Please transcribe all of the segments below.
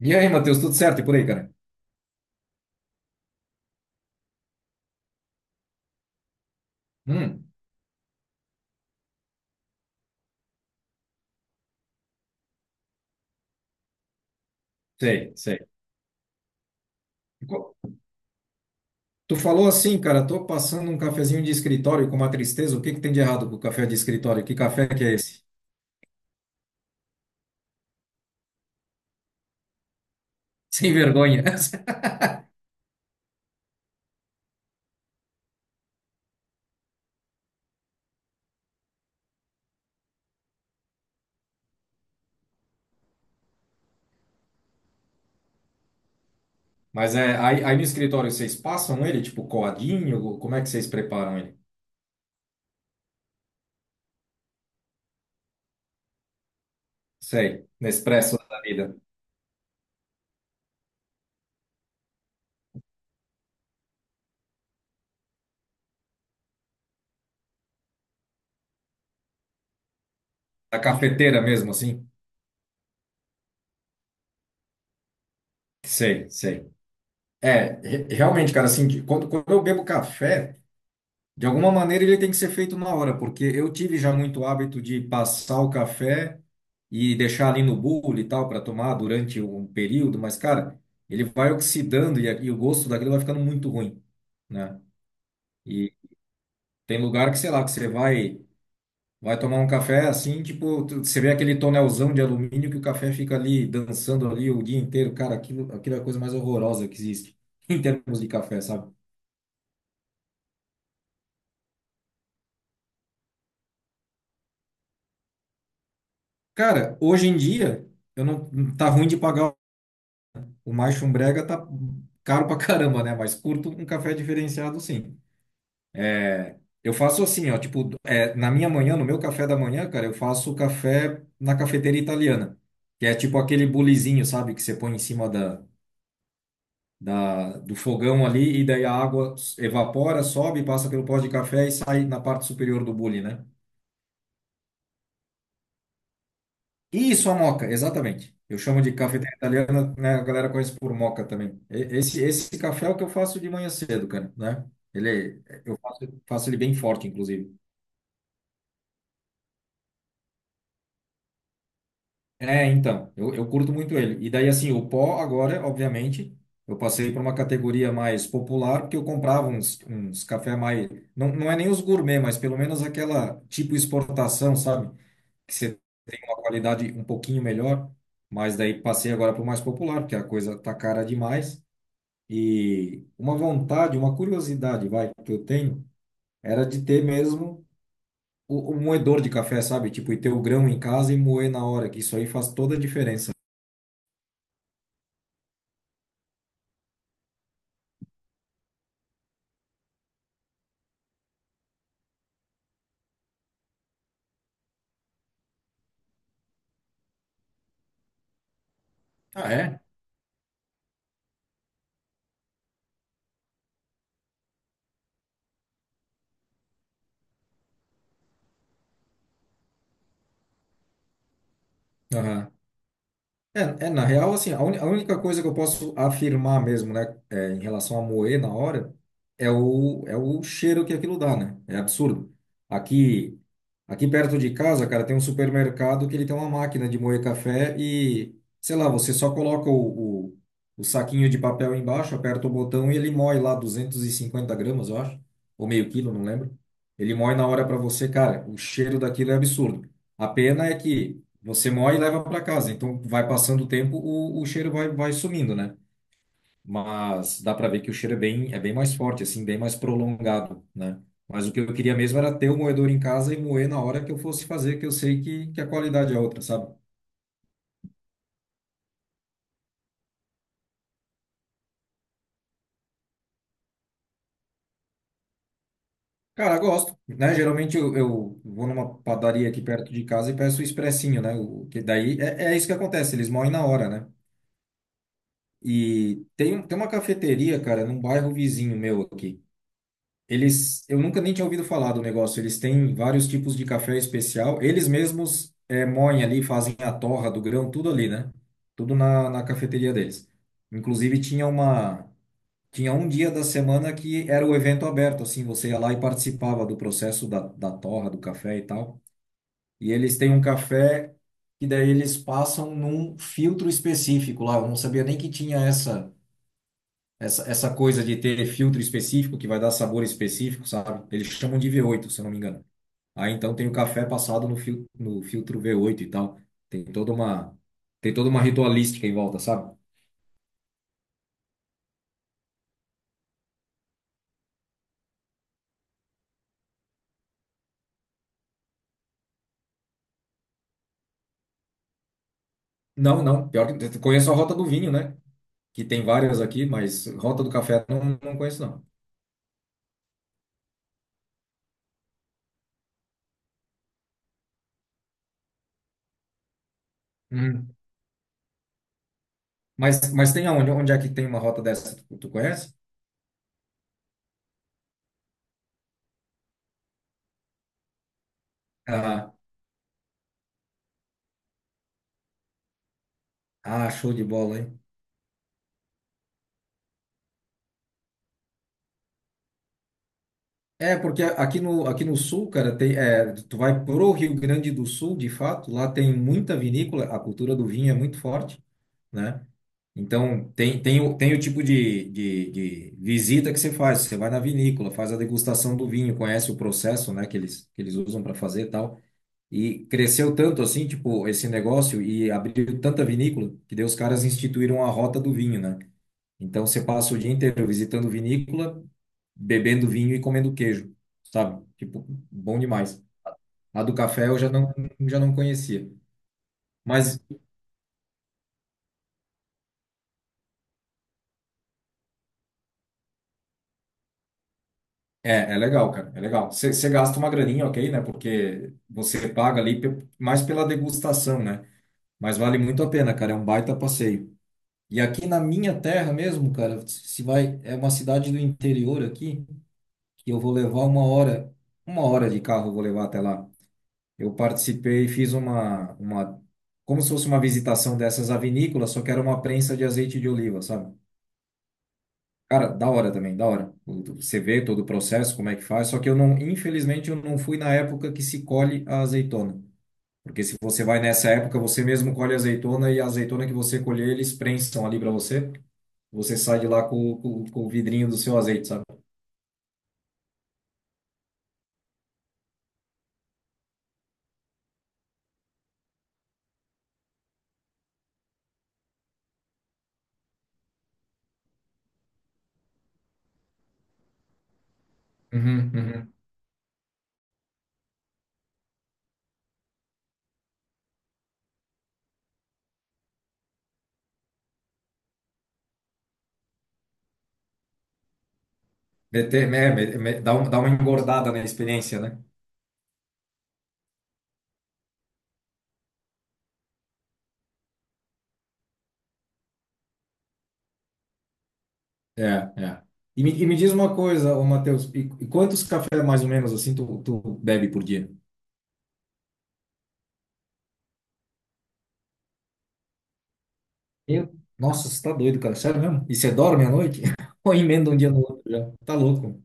E aí, Matheus, tudo certo e por aí, cara? Hum, sei, sei. Co- Tu falou assim, cara, tô passando um cafezinho de escritório com uma tristeza. O que que tem de errado com o café de escritório? Que café que é esse? Sem vergonha. Mas é, aí no escritório vocês passam ele, tipo, coadinho? Como é que vocês preparam ele? Sei, Nespresso da vida. Da cafeteira mesmo, assim? Sei, sei. É, realmente, cara, assim, quando eu bebo café. De alguma maneira ele tem que ser feito na hora, porque eu tive já muito hábito de passar o café e deixar ali no bule e tal para tomar durante um período, mas cara, ele vai oxidando e, e o gosto daquilo vai ficando muito ruim, né? E tem lugar que, sei lá, que você vai tomar um café assim, tipo, você vê aquele tonelzão de alumínio que o café fica ali dançando ali o dia inteiro, cara, aquilo é a coisa mais horrorosa que existe em termos de café, sabe? Cara, hoje em dia eu não tá ruim de pagar. O mais chumbrega tá caro pra caramba, né? Mas curto um café diferenciado, sim. É, eu faço assim, ó, tipo, é, na minha manhã, no meu café da manhã, cara, eu faço café na cafeteira italiana, que é tipo aquele bulizinho, sabe, que você põe em cima do fogão ali e daí a água evapora, sobe, passa pelo pó de café e sai na parte superior do bule, né? Isso, a moca, exatamente. Eu chamo de cafeteira italiana, né? A galera conhece por moca também. Esse café é o que eu faço de manhã cedo, cara, né? Eu faço ele bem forte, inclusive. É, então, eu curto muito ele. E daí, assim, o pó agora, obviamente, eu passei para uma categoria mais popular, porque eu comprava uns café mais... Não, não é nem os gourmet, mas pelo menos aquela tipo exportação, sabe? Que você tem uma qualidade um pouquinho melhor. Mas daí passei agora para o mais popular, porque a coisa tá cara demais. E uma vontade, uma curiosidade, vai, que eu tenho, era de ter mesmo o moedor de café, sabe? Tipo, e ter o grão em casa e moer na hora, que isso aí faz toda a diferença. Ah, é? É, é, na real, assim, a única coisa que eu posso afirmar mesmo, né, é, em relação a moer na hora, é o cheiro que aquilo dá, né? É absurdo. Aqui, aqui perto de casa, cara, tem um supermercado que ele tem uma máquina de moer café e, sei lá, você só coloca o saquinho de papel embaixo, aperta o botão e ele moe lá 250 gramas, eu acho, ou meio quilo, não lembro. Ele moe na hora pra você, cara, o cheiro daquilo é absurdo. A pena é que você moe e leva para casa. Então, vai passando o tempo, o cheiro vai sumindo, né? Mas dá para ver que o cheiro é bem, mais forte, assim, bem mais prolongado, né? Mas o que eu queria mesmo era ter o moedor em casa e moer na hora que eu fosse fazer, que eu sei que a qualidade é outra, sabe? Cara, gosto, né? Geralmente eu vou numa padaria aqui perto de casa e peço o expressinho, né? Que daí é isso que acontece, eles moem na hora, né? E tem uma cafeteria, cara, num bairro vizinho meu aqui. Eu nunca nem tinha ouvido falar do negócio. Eles têm vários tipos de café especial. Eles mesmos moem ali, fazem a torra do grão, tudo ali, né? Tudo na cafeteria deles. Inclusive tinha um dia da semana que era o evento aberto, assim, você ia lá e participava do processo da torra do café e tal. E eles têm um café que daí eles passam num filtro específico lá. Eu não sabia nem que tinha essa essa coisa de ter filtro específico que vai dar sabor específico, sabe? Eles chamam de V8, se eu não me engano. Aí então tem o café passado no filtro V8 e tal. Tem toda uma, tem toda uma ritualística em volta, sabe? Não, não. Pior que eu conheço a Rota do Vinho, né? Que tem várias aqui, mas Rota do Café não, não conheço, não. Uhum. Mas tem aonde? Onde é que tem uma rota dessa? Tu conhece? Ah, show de bola, hein? É, porque aqui no sul, cara, tu vai pro Rio Grande do Sul, de fato, lá tem muita vinícola, a cultura do vinho é muito forte, né? Então, tem o tipo de visita que você faz, você vai na vinícola, faz a degustação do vinho, conhece o processo, né, que eles usam para fazer e tal. E cresceu tanto assim, tipo, esse negócio e abriu tanta vinícola que daí os caras instituíram a rota do vinho, né? Então você passa o dia inteiro visitando vinícola, bebendo vinho e comendo queijo, sabe? Tipo, bom demais. A do café eu já não conhecia. Mas é, legal, cara, é legal. Você gasta uma graninha, ok, né? Porque você paga ali mais pela degustação, né? Mas vale muito a pena, cara, é um baita passeio. E aqui na minha terra mesmo, cara, se vai, é uma cidade do interior aqui, que eu vou levar uma hora de carro eu vou levar até lá. Eu participei e fiz como se fosse uma visitação dessas vinícolas, só que era uma prensa de azeite de oliva, sabe? Cara, da hora também, da hora. Você vê todo o processo, como é que faz, só que eu não, infelizmente, eu não fui na época que se colhe a azeitona. Porque se você vai nessa época, você mesmo colhe a azeitona e a azeitona que você colher, eles prensam ali para você. Você sai de lá com, com o vidrinho do seu azeite, sabe? Uhum, uhum. Meter, né, dá uma engordada na experiência, né? É, é. E me diz uma coisa, ô Matheus, e quantos cafés mais ou menos assim tu bebe por dia? Eu? Nossa, você tá doido, cara, sério mesmo? E você dorme à noite? Ou emenda um dia no outro já? Tá louco.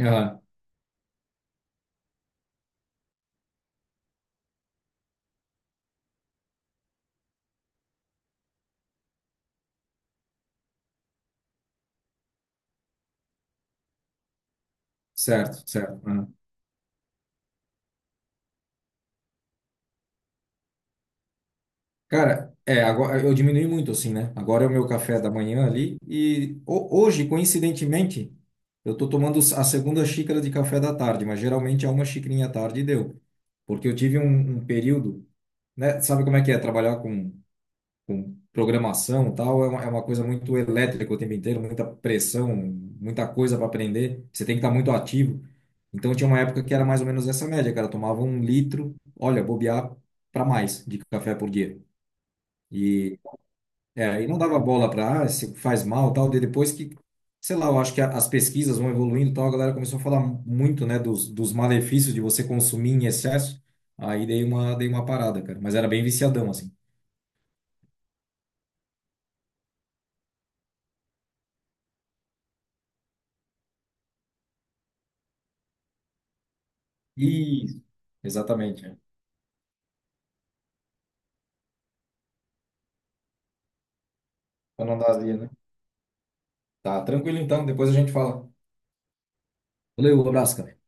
Aham. Certo, certo. Cara, é, agora eu diminui muito assim, né? Agora é o meu café da manhã ali e hoje, coincidentemente, eu tô tomando a segunda xícara de café da tarde, mas geralmente é uma xicrinha à tarde e deu. Porque eu tive um período, né? Sabe como é que é trabalhar com programação e tal? É uma coisa muito elétrica o tempo inteiro, muita pressão, muita coisa para aprender. Você tem que estar muito ativo. Então tinha uma época que era mais ou menos essa média, cara. Eu tomava 1 litro, olha, bobear para mais de café por dia. e e não dava bola para, ah, se faz mal, tal, de depois que, sei lá, eu acho que as pesquisas vão evoluindo, e tal, a galera começou a falar muito, né, dos malefícios de você consumir em excesso, aí dei uma parada, cara, mas era bem viciadão, assim. Isso. Exatamente, é. Pra não dar azia, né? Tá, tranquilo então, depois a gente fala. Valeu, um abraço, cara.